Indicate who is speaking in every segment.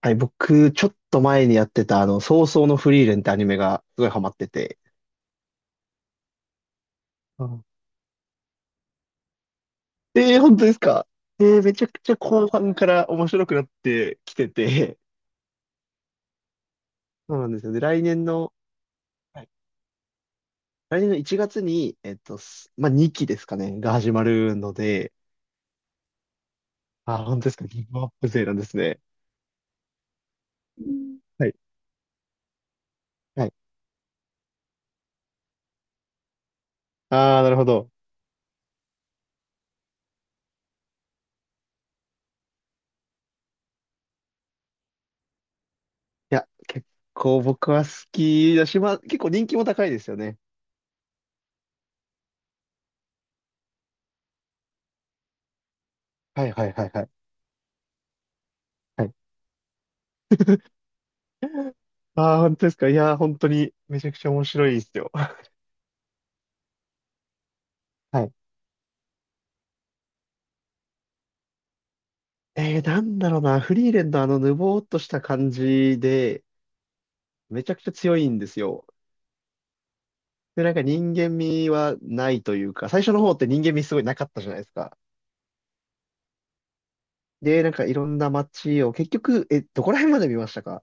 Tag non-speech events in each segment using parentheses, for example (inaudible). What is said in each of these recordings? Speaker 1: はい、僕、ちょっと前にやってた、早々のフリーレンってアニメがすごいハマってて。うん。本当ですか？めちゃくちゃ後半から面白くなってきてて、そうなんですよ。で、来年の、はい、来年の1月に、まあ、2期ですかね、が始まるので、あー、本当ですか？ギブアップ勢なんですね。うん、はい、はい。あー、なるほど。いや、結構僕は好きだし、まあ、結構人気も高いですよね。はい、はい、はい、はい。はい。ああ、本当ですか。いやー、本当にめちゃくちゃ面白いですよ。(laughs) はい。なんだろうな。フリーレンのあのぬぼーっとした感じで、めちゃくちゃ強いんですよ。で、なんか人間味はないというか、最初の方って人間味すごいなかったじゃないですか。で、なんかいろんな街を、結局、え、どこら辺まで見ましたか？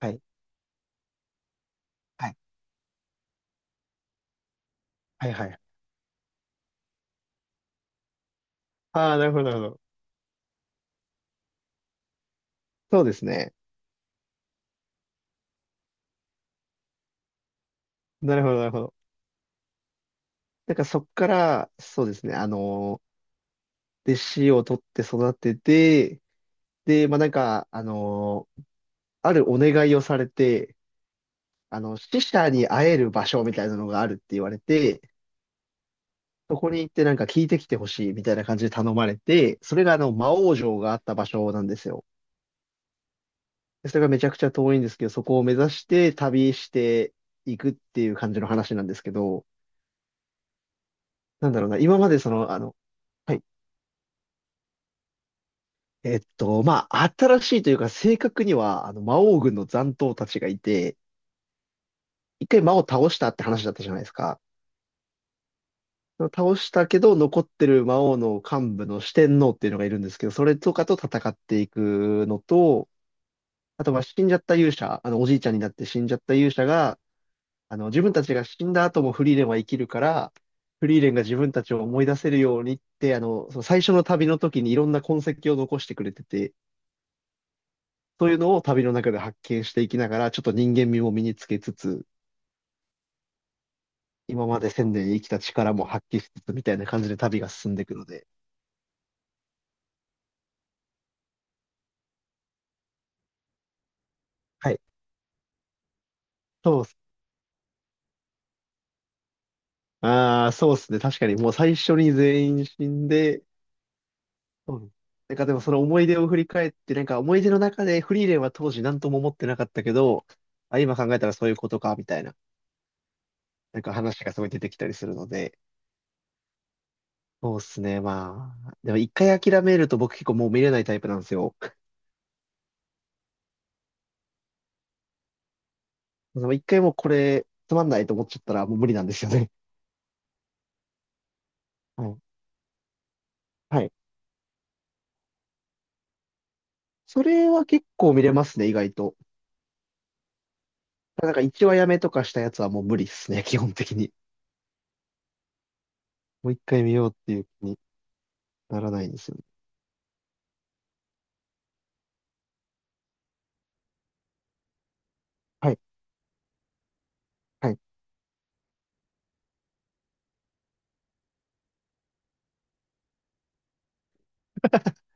Speaker 1: はい、はい、はい、はい。ああ、なるほど、なるほど。そうですね。なるほど、なるほど。なんかそっから、そうですね、弟子を取って育てて、で、まあなんか、あるお願いをされて、死者に会える場所みたいなのがあるって言われて、そこに行ってなんか聞いてきてほしいみたいな感じで頼まれて、それが魔王城があった場所なんですよ。でそれがめちゃくちゃ遠いんですけど、そこを目指して旅していくっていう感じの話なんですけど、なんだろうな、今までその、はい。まあ、新しいというか、正確には、魔王軍の残党たちがいて、一回魔王倒したって話だったじゃないですか。倒したけど残ってる魔王の幹部の四天王っていうのがいるんですけど、それとかと戦っていくのと、あとは死んじゃった勇者、あのおじいちゃんになって死んじゃった勇者が、あの自分たちが死んだ後もフリーレンは生きるから、フリーレンが自分たちを思い出せるようにって、その最初の旅の時にいろんな痕跡を残してくれてて、そういうのを旅の中で発見していきながら、ちょっと人間味も身につけつつ、今まで千年生きた力も発揮しつつみたいな感じで旅が進んでいくので、はい。そうああ、そうですね。確かに、もう最初に全員死んで、うん、なんかでもその思い出を振り返って、なんか思い出の中でフリーレンは当時何とも思ってなかったけど、あ、今考えたらそういうことか、みたいな、なんか話がすごい出てきたりするので、そうですね。まあ、でも一回諦めると僕結構もう見れないタイプなんですよ。でも一回もうこれつまんないと思っちゃったらもう無理なんですよね。はい。はい。それは結構見れますね、意外と。なんか一話やめとかしたやつはもう無理ですね、基本的に。もう一回見ようっていう気に。ならないんですよね。はい。はい。(laughs)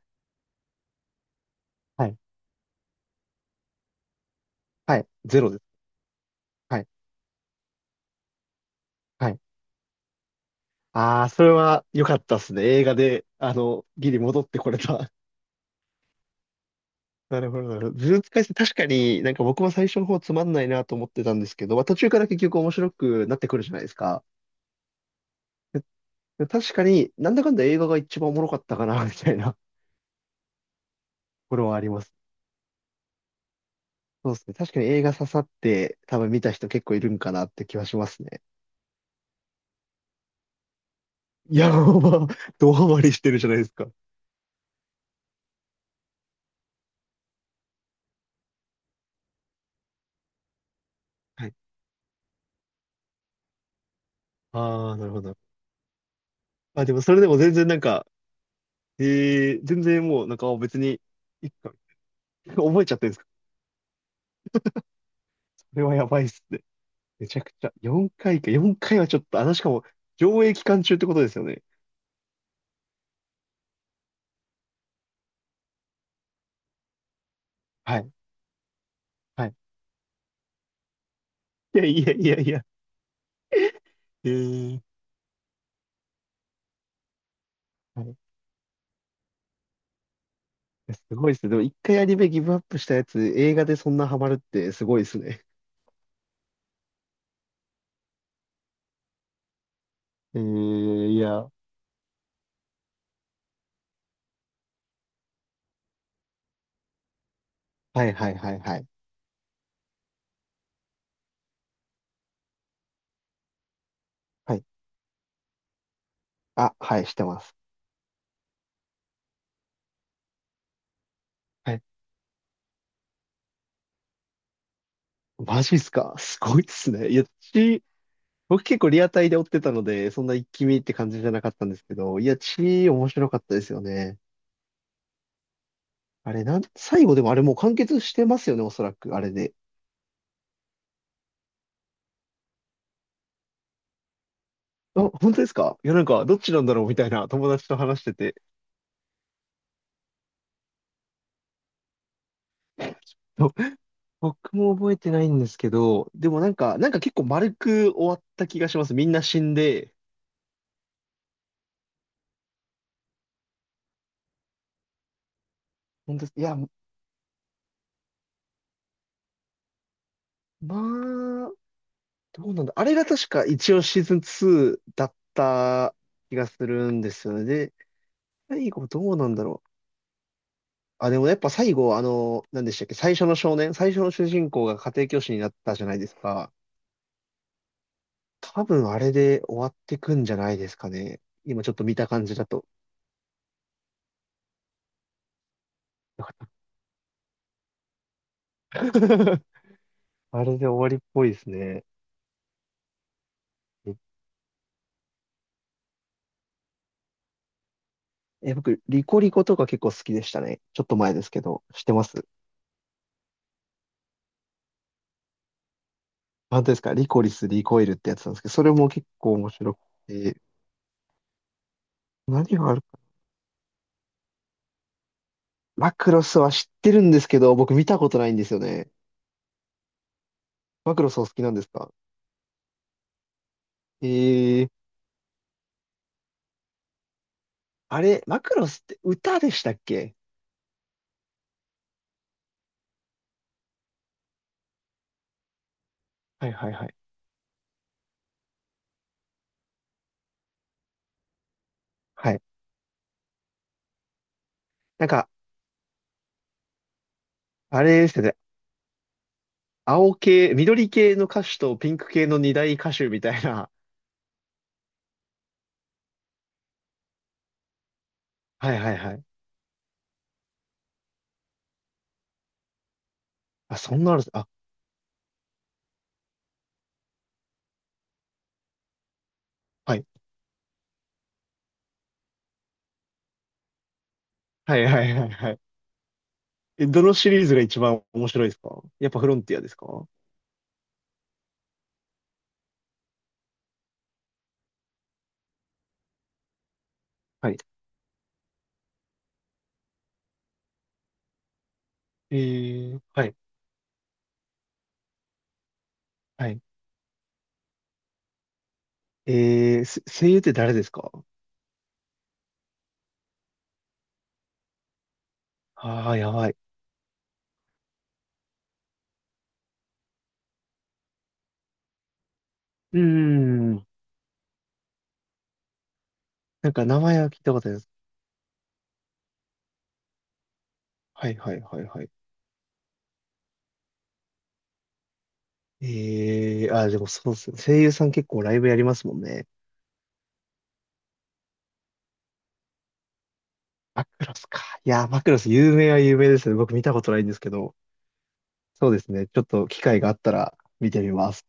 Speaker 1: はい。はい、ゼロです。はい。はい。ああ、それは良かったですね。映画で、ギリ戻ってこれた。(laughs) なるほど、なるほど。ズーム使確かになんか僕も最初の方つまんないなと思ってたんですけど、まあ、途中から結局面白くなってくるじゃないですか。でで確かになんだかんだ映画が一番おもろかったかな、(laughs) みたいなところはあります。そうですね。確かに映画刺さって多分見た人結構いるんかなって気はしますね。いや、まあ、ドハマりしてるじゃないですか。はい。ああ、なるほど。あ、でもそれでも全然なんか、え全然もうなんか別に、いっか、(laughs) 覚えちゃってるんですか？ (laughs) それはやばいっすね。めちゃくちゃ。4回かいか、4回はちょっと、しかも、上映期間中ってことですよね。はい、はい。いやいやいやいや、えー、はい。いやすごいっすね。でも一回アニメギブアップしたやつ、映画でそんなハマるってすごいっすね。(laughs) えーいや。はい、はい、はい、はい。はい。あ、はい、してます。はい。マジっすか？ (laughs) すごいっすね。僕結構リアタイで追ってたので、そんな一気見って感じじゃなかったんですけど、いや、チー面白かったですよね。あれ、なん、最後でもあれもう完結してますよね、おそらく、あれで。あ、本当ですか？いや、なんか、どっちなんだろうみたいな友達と話してて。(laughs) そう僕も覚えてないんですけど、でもなんか、なんか結構丸く終わった気がします。みんな死んで。本当です、いや、まあ、どうなんだ。あれが確か一応シーズン2だった気がするんですよね。で、最後どうなんだろう。あ、でもやっぱ最後、何でしたっけ、最初の少年、最初の主人公が家庭教師になったじゃないですか。多分あれで終わってくんじゃないですかね。今ちょっと見た感じだと。(laughs) あれで終わりっぽいですね。え、僕、リコリコとか結構好きでしたね。ちょっと前ですけど、知ってます？本当ですか？リコリス、リコイルってやつなんですけど、それも結構面白くて。何があるか。マクロスは知ってるんですけど、僕見たことないんですよね。マクロスお好きなんですか？え、あれ、マクロスって歌でしたっけ？はい、はい、はい。はい。なんか、あれですよね。青系、緑系の歌手とピンク系の二大歌手みたいな。(laughs) はい、はい、はい。あ、そんなのあるんです、あ、はい。はい、はい、はい、はい。え、どのシリーズが一番面白いですか？やっぱフロンティアですか？はい。えー、はい。はい。声優って誰ですか？ああー、やばい。うーん。なんか名前は聞いたことあります。はい、はい、はい、はい。えー、あー、でもそうですよ。声優さん結構ライブやりますもんね。マクロスか。いやー、マクロス有名は有名ですね。僕見たことないんですけど。そうですね。ちょっと機会があったら見てみます。